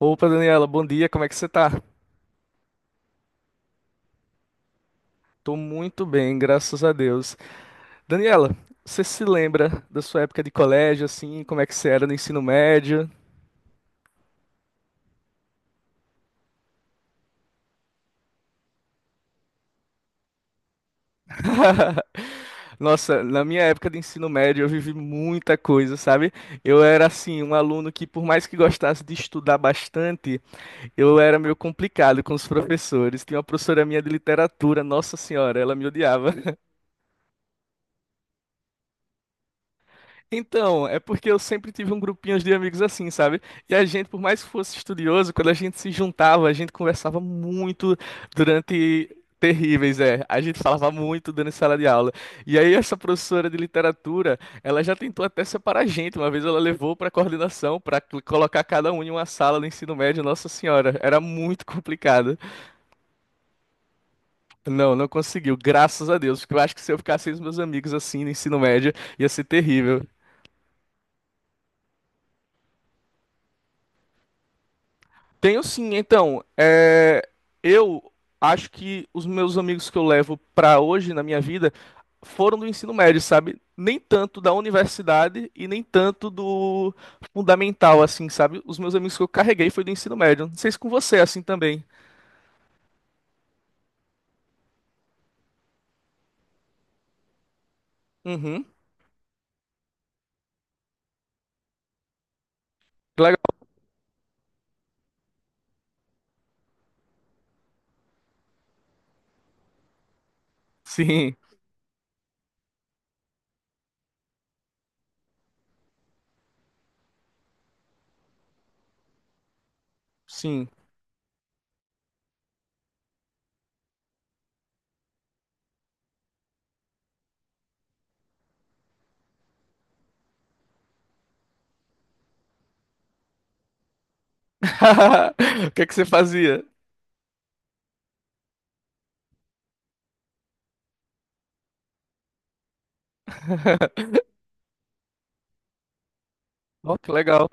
Opa, Daniela, bom dia, como é que você tá? Tô muito bem, graças a Deus. Daniela, você se lembra da sua época de colégio, assim, como é que você era no ensino médio? Nossa, na minha época de ensino médio eu vivi muita coisa, sabe? Eu era, assim, um aluno que, por mais que gostasse de estudar bastante, eu era meio complicado com os professores. Tinha uma professora minha de literatura, nossa senhora, ela me odiava. Então, é porque eu sempre tive um grupinho de amigos assim, sabe? E a gente, por mais que fosse estudioso, quando a gente se juntava, a gente conversava muito durante terríveis, é. A gente falava muito durante sala de aula. E aí essa professora de literatura, ela já tentou até separar a gente. Uma vez ela levou para coordenação para colocar cada um em uma sala no ensino médio, Nossa Senhora, era muito complicado. Não, não conseguiu, graças a Deus, porque eu acho que se eu ficasse com os meus amigos assim no ensino médio, ia ser terrível. Tenho sim. Então, é, eu acho que os meus amigos que eu levo para hoje na minha vida foram do ensino médio, sabe? Nem tanto da universidade e nem tanto do fundamental, assim, sabe? Os meus amigos que eu carreguei foi do ensino médio. Não sei se com você é assim também. Uhum. Legal. Sim, sim. O que é que você fazia? Oh, que legal.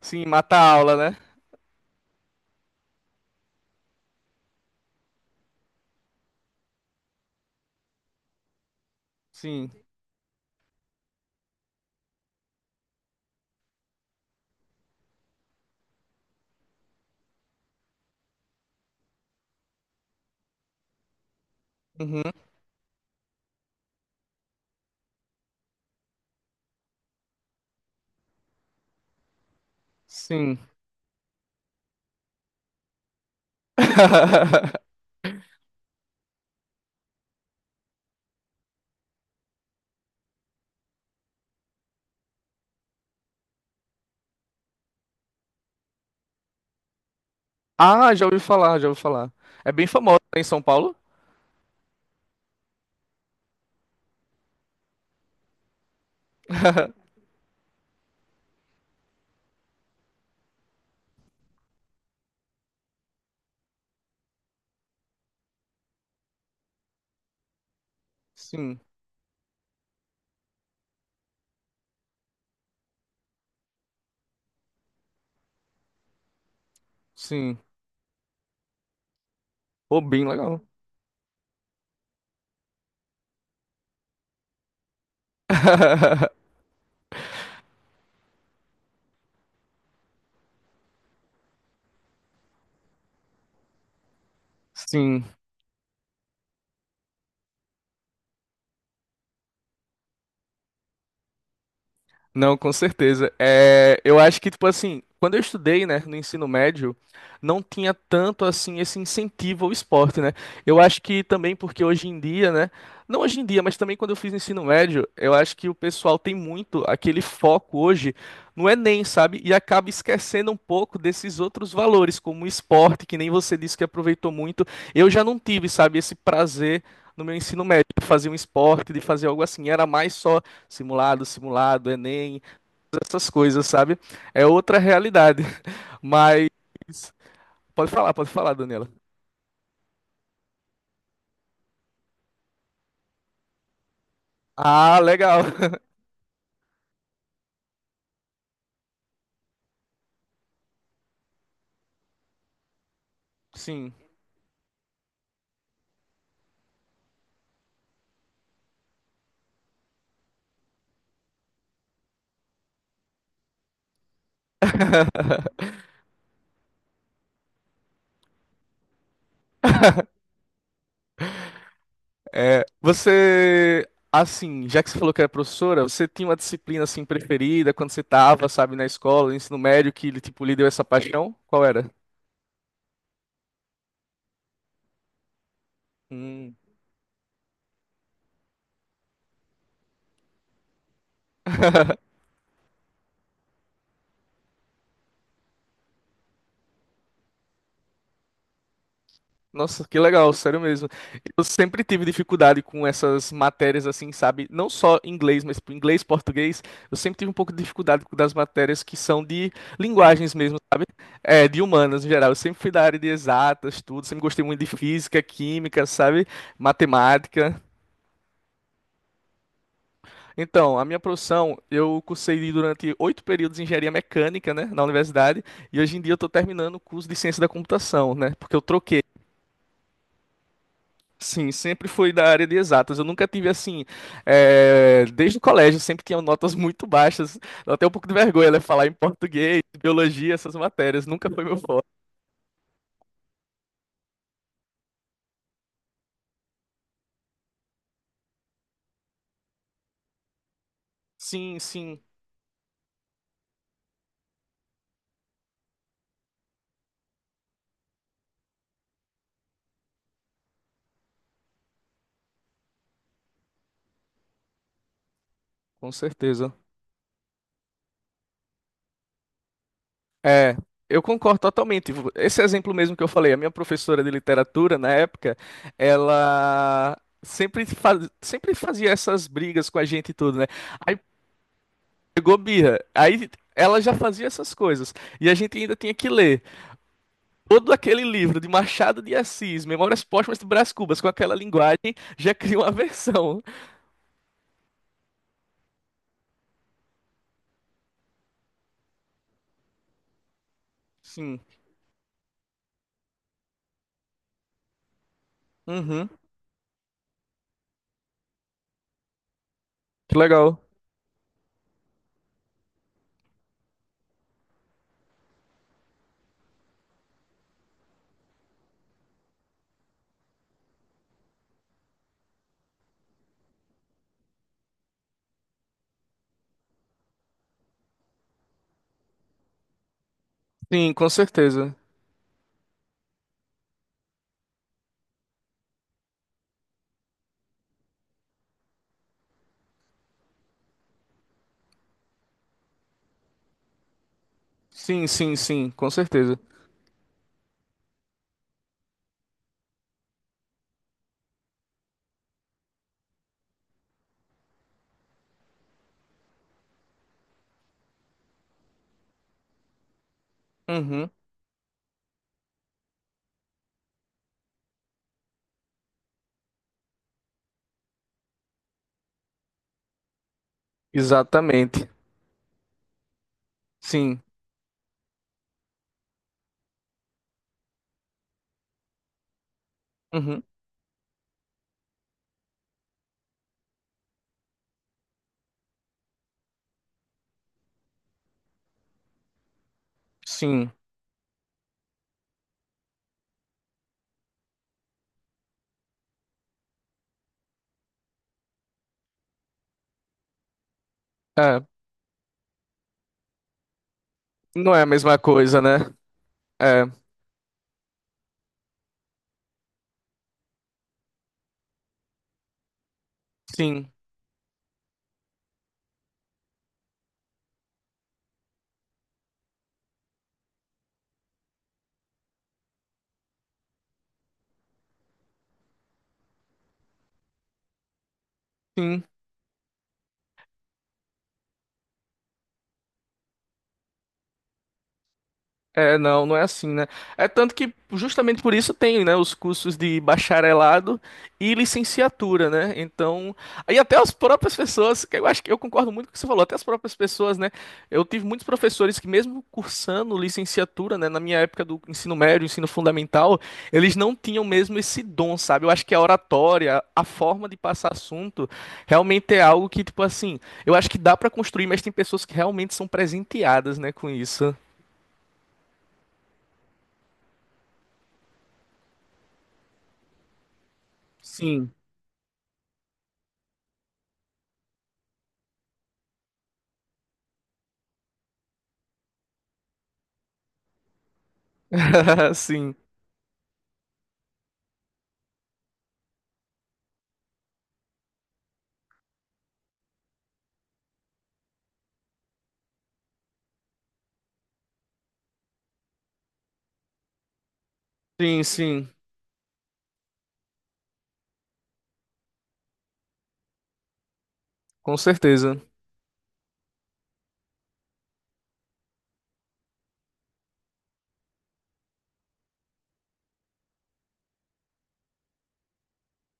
Sim, mata a aula, né? Sim. Uhum. Sim. Ah, já ouvi falar, já ouvi falar. É bem famosa, né, em São Paulo? Sim, sim. Pô, bem legal. Sim. Não, com certeza. É, eu acho que, tipo assim, quando eu estudei, né, no ensino médio, não tinha tanto, assim, esse incentivo ao esporte, né? Eu acho que também porque hoje em dia, né, não hoje em dia, mas também quando eu fiz ensino médio, eu acho que o pessoal tem muito aquele foco hoje no Enem, sabe? E acaba esquecendo um pouco desses outros valores, como o esporte, que nem você disse que aproveitou muito. Eu já não tive, sabe, esse prazer no meu ensino médio, de fazer um esporte, de fazer algo assim. Era mais só simulado, simulado, Enem, essas coisas, sabe? É outra realidade. Mas. Pode falar, Daniela. Ah, legal. Sim. Você, assim, já que você falou que era professora, você tinha uma disciplina assim preferida quando você estava, sabe, na escola, no ensino médio, que tipo lhe deu essa paixão? Qual era? Nossa, que legal, sério mesmo. Eu sempre tive dificuldade com essas matérias assim, sabe? Não só inglês, mas tipo, inglês, português. Eu sempre tive um pouco de dificuldade com das matérias que são de linguagens mesmo, é, de humanas em geral. Eu sempre fui da área de exatas, tudo. Sempre gostei muito de física, química, sabe? Matemática. Então, a minha profissão, eu cursei durante 8 períodos de engenharia mecânica, né, na universidade. E hoje em dia eu estou terminando o curso de ciência da computação, né? Porque eu troquei. Sim, sempre fui da área de exatas. Eu nunca tive assim, desde o colégio, sempre tinha notas muito baixas. Dá até um pouco de vergonha, né? Falar em português, biologia, essas matérias. Nunca foi meu forte. Sim, sim, com certeza. É, eu concordo totalmente. Esse exemplo mesmo que eu falei, a minha professora de literatura, na época, ela sempre fazia essas brigas com a gente e tudo, né? Aí pegou birra. Aí ela já fazia essas coisas. E a gente ainda tinha que ler todo aquele livro de Machado de Assis, Memórias Póstumas de Brás Cubas, com aquela linguagem, já cria uma versão. Sim. Uhum. Que legal. Sim, com certeza. Sim, sim, sim, com certeza. Uhum. Exatamente. Sim. Uhum. Sim. É. Não é a mesma coisa, né? É. Sim. Sim. É, não, não é assim, né? É tanto que justamente por isso tem, né, os cursos de bacharelado e licenciatura, né? Então, aí até as próprias pessoas, que eu acho que eu concordo muito com o que você falou, até as próprias pessoas, né? Eu tive muitos professores que mesmo cursando licenciatura, né, na minha época do ensino médio, ensino fundamental, eles não tinham mesmo esse dom, sabe? Eu acho que a oratória, a forma de passar assunto, realmente é algo que, tipo assim, eu acho que dá pra construir, mas tem pessoas que realmente são presenteadas, né, com isso. Sim. Sim, sim, sim, com certeza.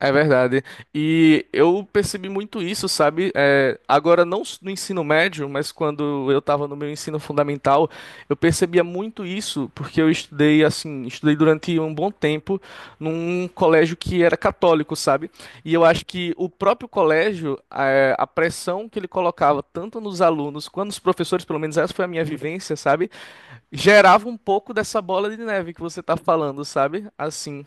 É verdade. E eu percebi muito isso, sabe? É, agora, no ensino médio, mas quando eu estava no meu ensino fundamental, eu percebia muito isso, porque eu estudei, assim, estudei durante um bom tempo num colégio que era católico, sabe? E eu acho que o próprio colégio, é, a pressão que ele colocava tanto nos alunos quanto nos professores, pelo menos essa foi a minha vivência, sabe? Gerava um pouco dessa bola de neve que você tá falando, sabe? Assim.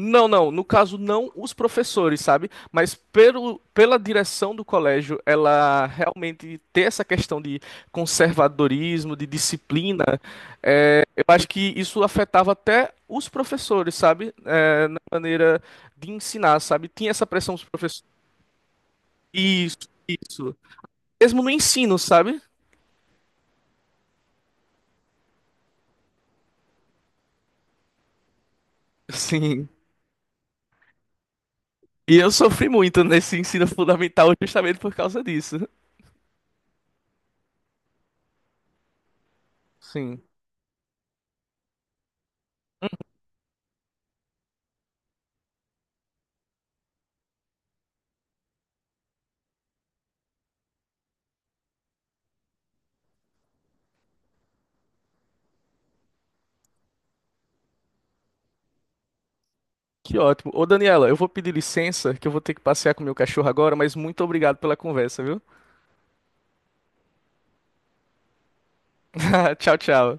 Não, não, no caso não os professores, sabe? Mas pelo, pela direção do colégio, ela realmente ter essa questão de conservadorismo, de disciplina, é, eu acho que isso afetava até os professores, sabe? É, na maneira de ensinar, sabe? Tinha essa pressão dos professores. Isso, isso. Mesmo no ensino, sabe? Sim. E eu sofri muito nesse ensino fundamental justamente por causa disso. Sim. Que ótimo. Ô, Daniela, eu vou pedir licença, que eu vou ter que passear com meu cachorro agora, mas muito obrigado pela conversa, viu? Tchau, tchau.